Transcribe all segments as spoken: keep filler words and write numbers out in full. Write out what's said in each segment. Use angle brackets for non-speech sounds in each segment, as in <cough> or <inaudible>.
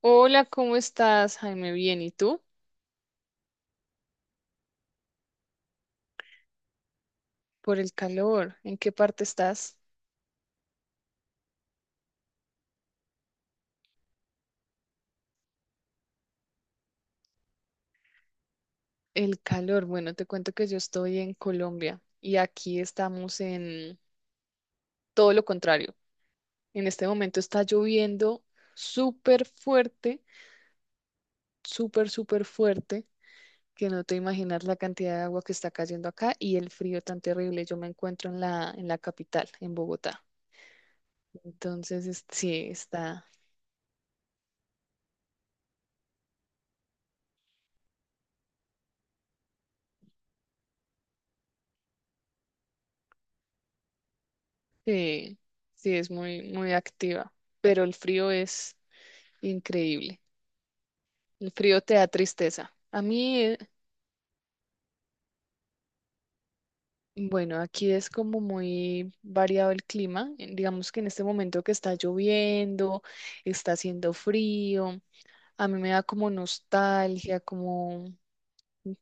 Hola, ¿cómo estás, Jaime? Bien, ¿y tú? Por el calor, ¿en qué parte estás? El calor, bueno, te cuento que yo estoy en Colombia y aquí estamos en todo lo contrario. En este momento está lloviendo súper fuerte, súper, súper fuerte, que no te imaginas la cantidad de agua que está cayendo acá y el frío tan terrible. Yo me encuentro en la, en la capital, en Bogotá. Entonces, es- sí, está, sí, sí, es muy, muy activa, pero el frío es increíble. El frío te da tristeza. A mí, eh, bueno, aquí es como muy variado el clima. eh, Digamos que en este momento que está lloviendo, está haciendo frío. A mí me da como nostalgia, como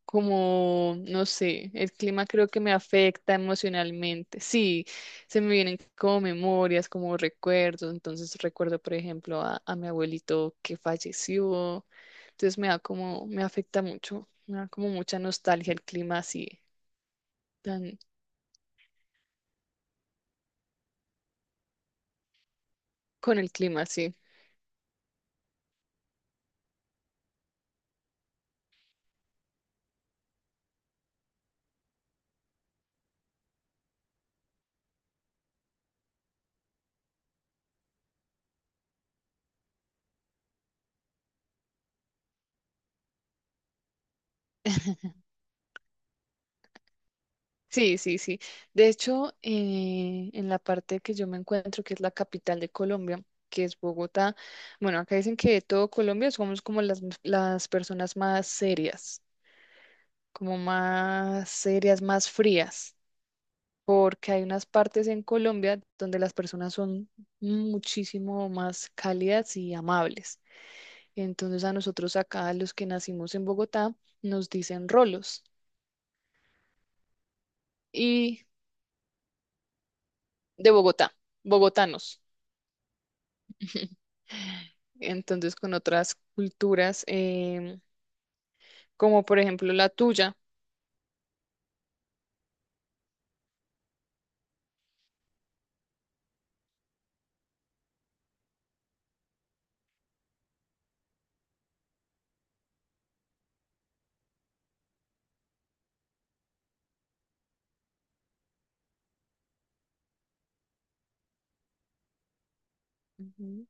como, no sé, el clima creo que me afecta emocionalmente. Sí, se me vienen como memorias, como recuerdos. Entonces recuerdo, por ejemplo, a, a mi abuelito que falleció. Entonces me da como, me afecta mucho, me da como mucha nostalgia el clima así, tan, con el clima así. Sí, sí, sí. De hecho, eh, en la parte que yo me encuentro, que es la capital de Colombia, que es Bogotá, bueno, acá dicen que de todo Colombia somos como las, las personas más serias, como más serias, más frías, porque hay unas partes en Colombia donde las personas son muchísimo más cálidas y amables. Entonces a nosotros acá, los que nacimos en Bogotá, nos dicen rolos y de Bogotá, bogotanos. <laughs> Entonces, con otras culturas, em, como por ejemplo la tuya. Ujú.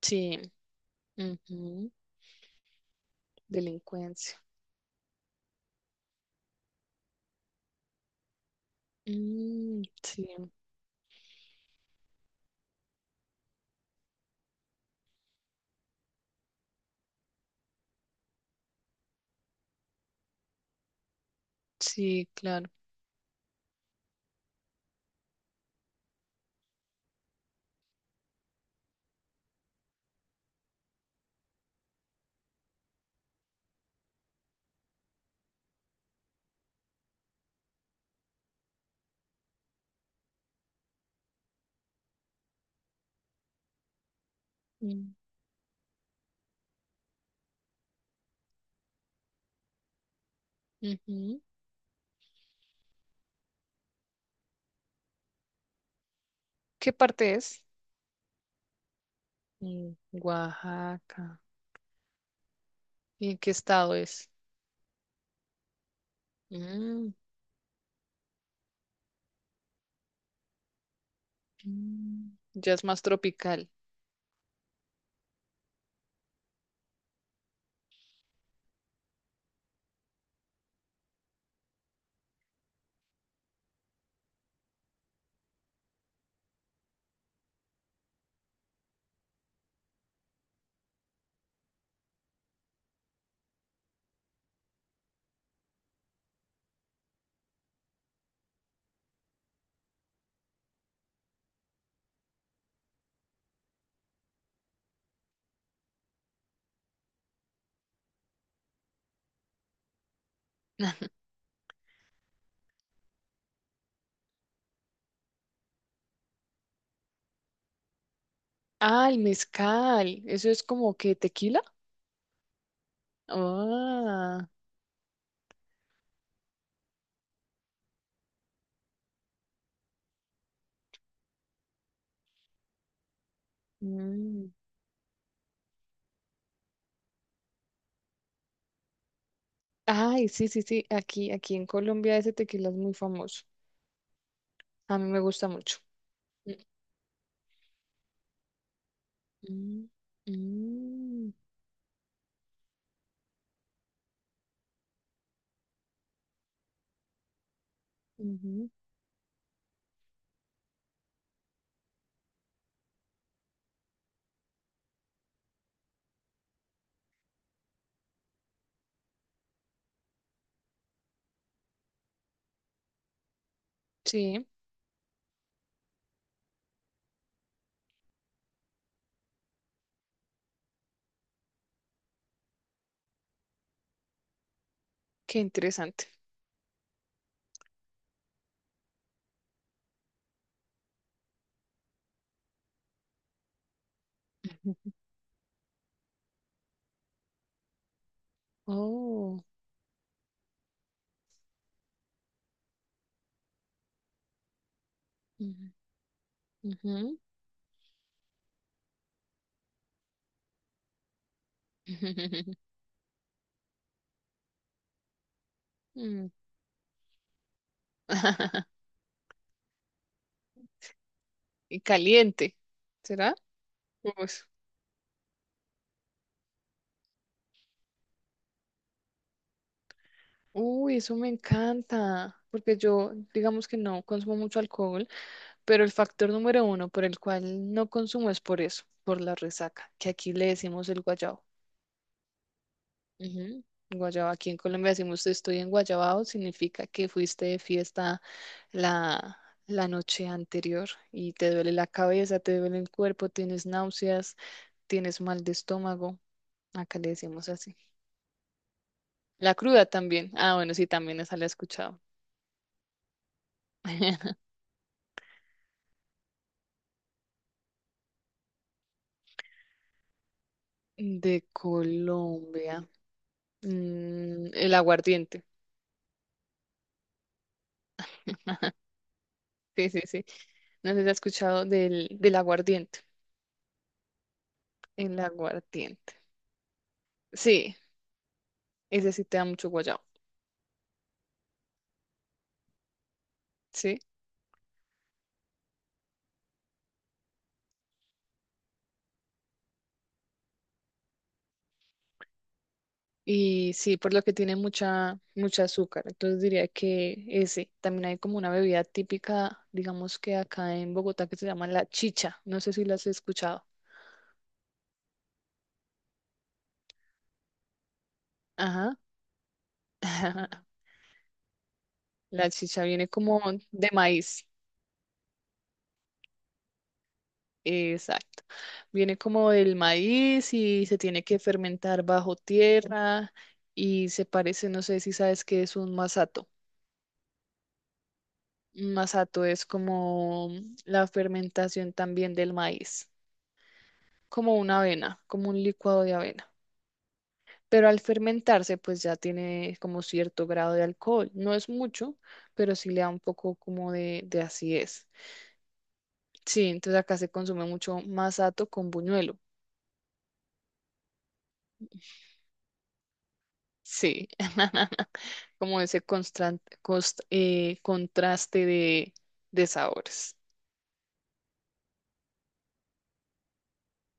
Sí, ujú, delincuencia. Mm, sí, sí, claro. Mm, ujú. ¿Qué parte es? Mm, Oaxaca. ¿Y en qué estado es? Mm, mm, ya es más tropical. <laughs> Ah, el mezcal. ¿Eso es como que tequila? Ah, mm, ay, sí, sí, sí. Aquí, aquí en Colombia ese tequila es muy famoso. A mí me gusta mucho. Mm, mm, ujú. Sí, qué interesante. Oh. Ujú, ujú. <laughs> Mm. <laughs> Y caliente, ¿será? Pues, uy, eso me encanta, porque yo, digamos que no consumo mucho alcohol, pero el factor número uno por el cual no consumo es por eso, por la resaca, que aquí le decimos el guayabo. Ujú, guayaba, aquí en Colombia decimos estoy en Guayabao, significa que fuiste de fiesta la, la noche anterior y te duele la cabeza, te duele el cuerpo, tienes náuseas, tienes mal de estómago. Acá le decimos así. La cruda también. Ah, bueno, sí, también esa la he escuchado. <laughs> De Colombia. Mm, el aguardiente. Sí, sí, sí. No sé si has escuchado del, del aguardiente. El aguardiente. Sí, ese sí te da mucho guayabo. ¿Sí? Y sí, por lo que tiene mucha, mucha azúcar. Entonces diría que ese. También hay como una bebida típica, digamos que acá en Bogotá, que se llama la chicha. No sé si la has escuchado. Ajá. <laughs> La chicha viene como de maíz. Exacto. Viene como del maíz y se tiene que fermentar bajo tierra y se parece, no sé si sabes qué es un masato. Un masato es como la fermentación también del maíz, como una avena, como un licuado de avena. Pero al fermentarse, pues ya tiene como cierto grado de alcohol. No es mucho, pero sí le da un poco como de, de acidez. Sí, entonces acá se consume mucho masato con buñuelo. Sí, <laughs> como ese constan- cost- eh, contraste de, de sabores.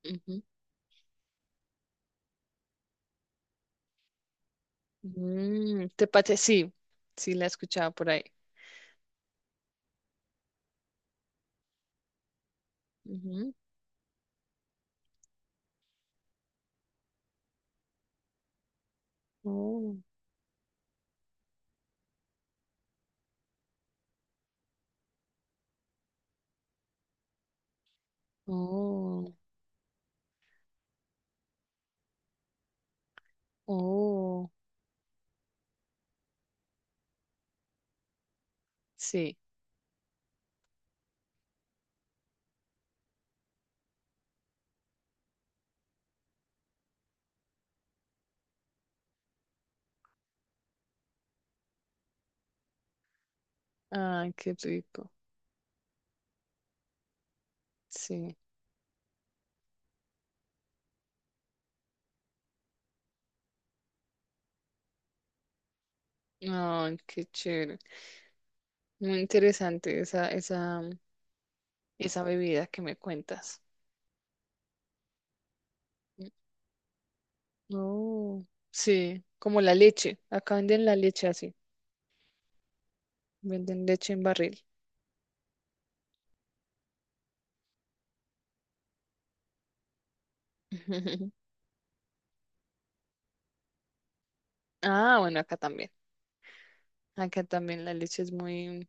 Ujú. Mm, tepache, sí, sí la he escuchado por ahí. Ujú. Oh, oh, oh, sí. Ay, qué rico. Sí. Ay, qué chévere. Muy interesante esa, esa, esa bebida que me cuentas. Oh, sí, como la leche. Acá venden la leche así. Venden leche en barril. <laughs> Ah, bueno, acá también. Acá también la leche es muy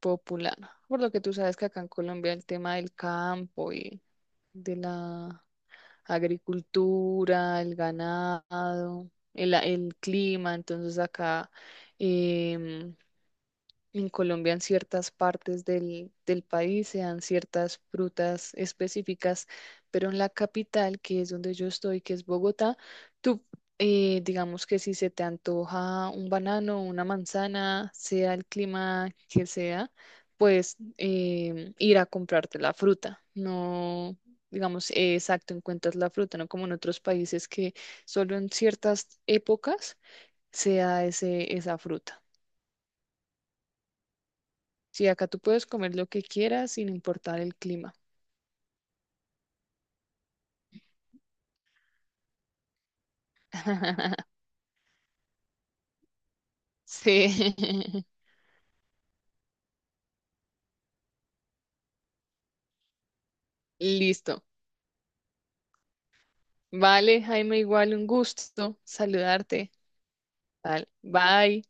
popular. Por lo que tú sabes que acá en Colombia el tema del campo y de la agricultura, el ganado, el, el clima, entonces acá. em, En Colombia, en ciertas partes del, del país, se dan ciertas frutas específicas, pero en la capital, que es donde yo estoy, que es Bogotá, tú, eh, digamos que si se te antoja un banano, una manzana, sea el clima que sea, pues em, ir a comprarte la fruta. No, digamos, eh, exacto, encuentras la fruta, no como en otros países que solo en ciertas épocas se da ese, esa fruta. Sí, acá tú puedes comer lo que quieras sin importar el clima. <laughs> Sí, <laughs> listo. Vale, Jaime, igual un gusto saludarte. Vale, bye.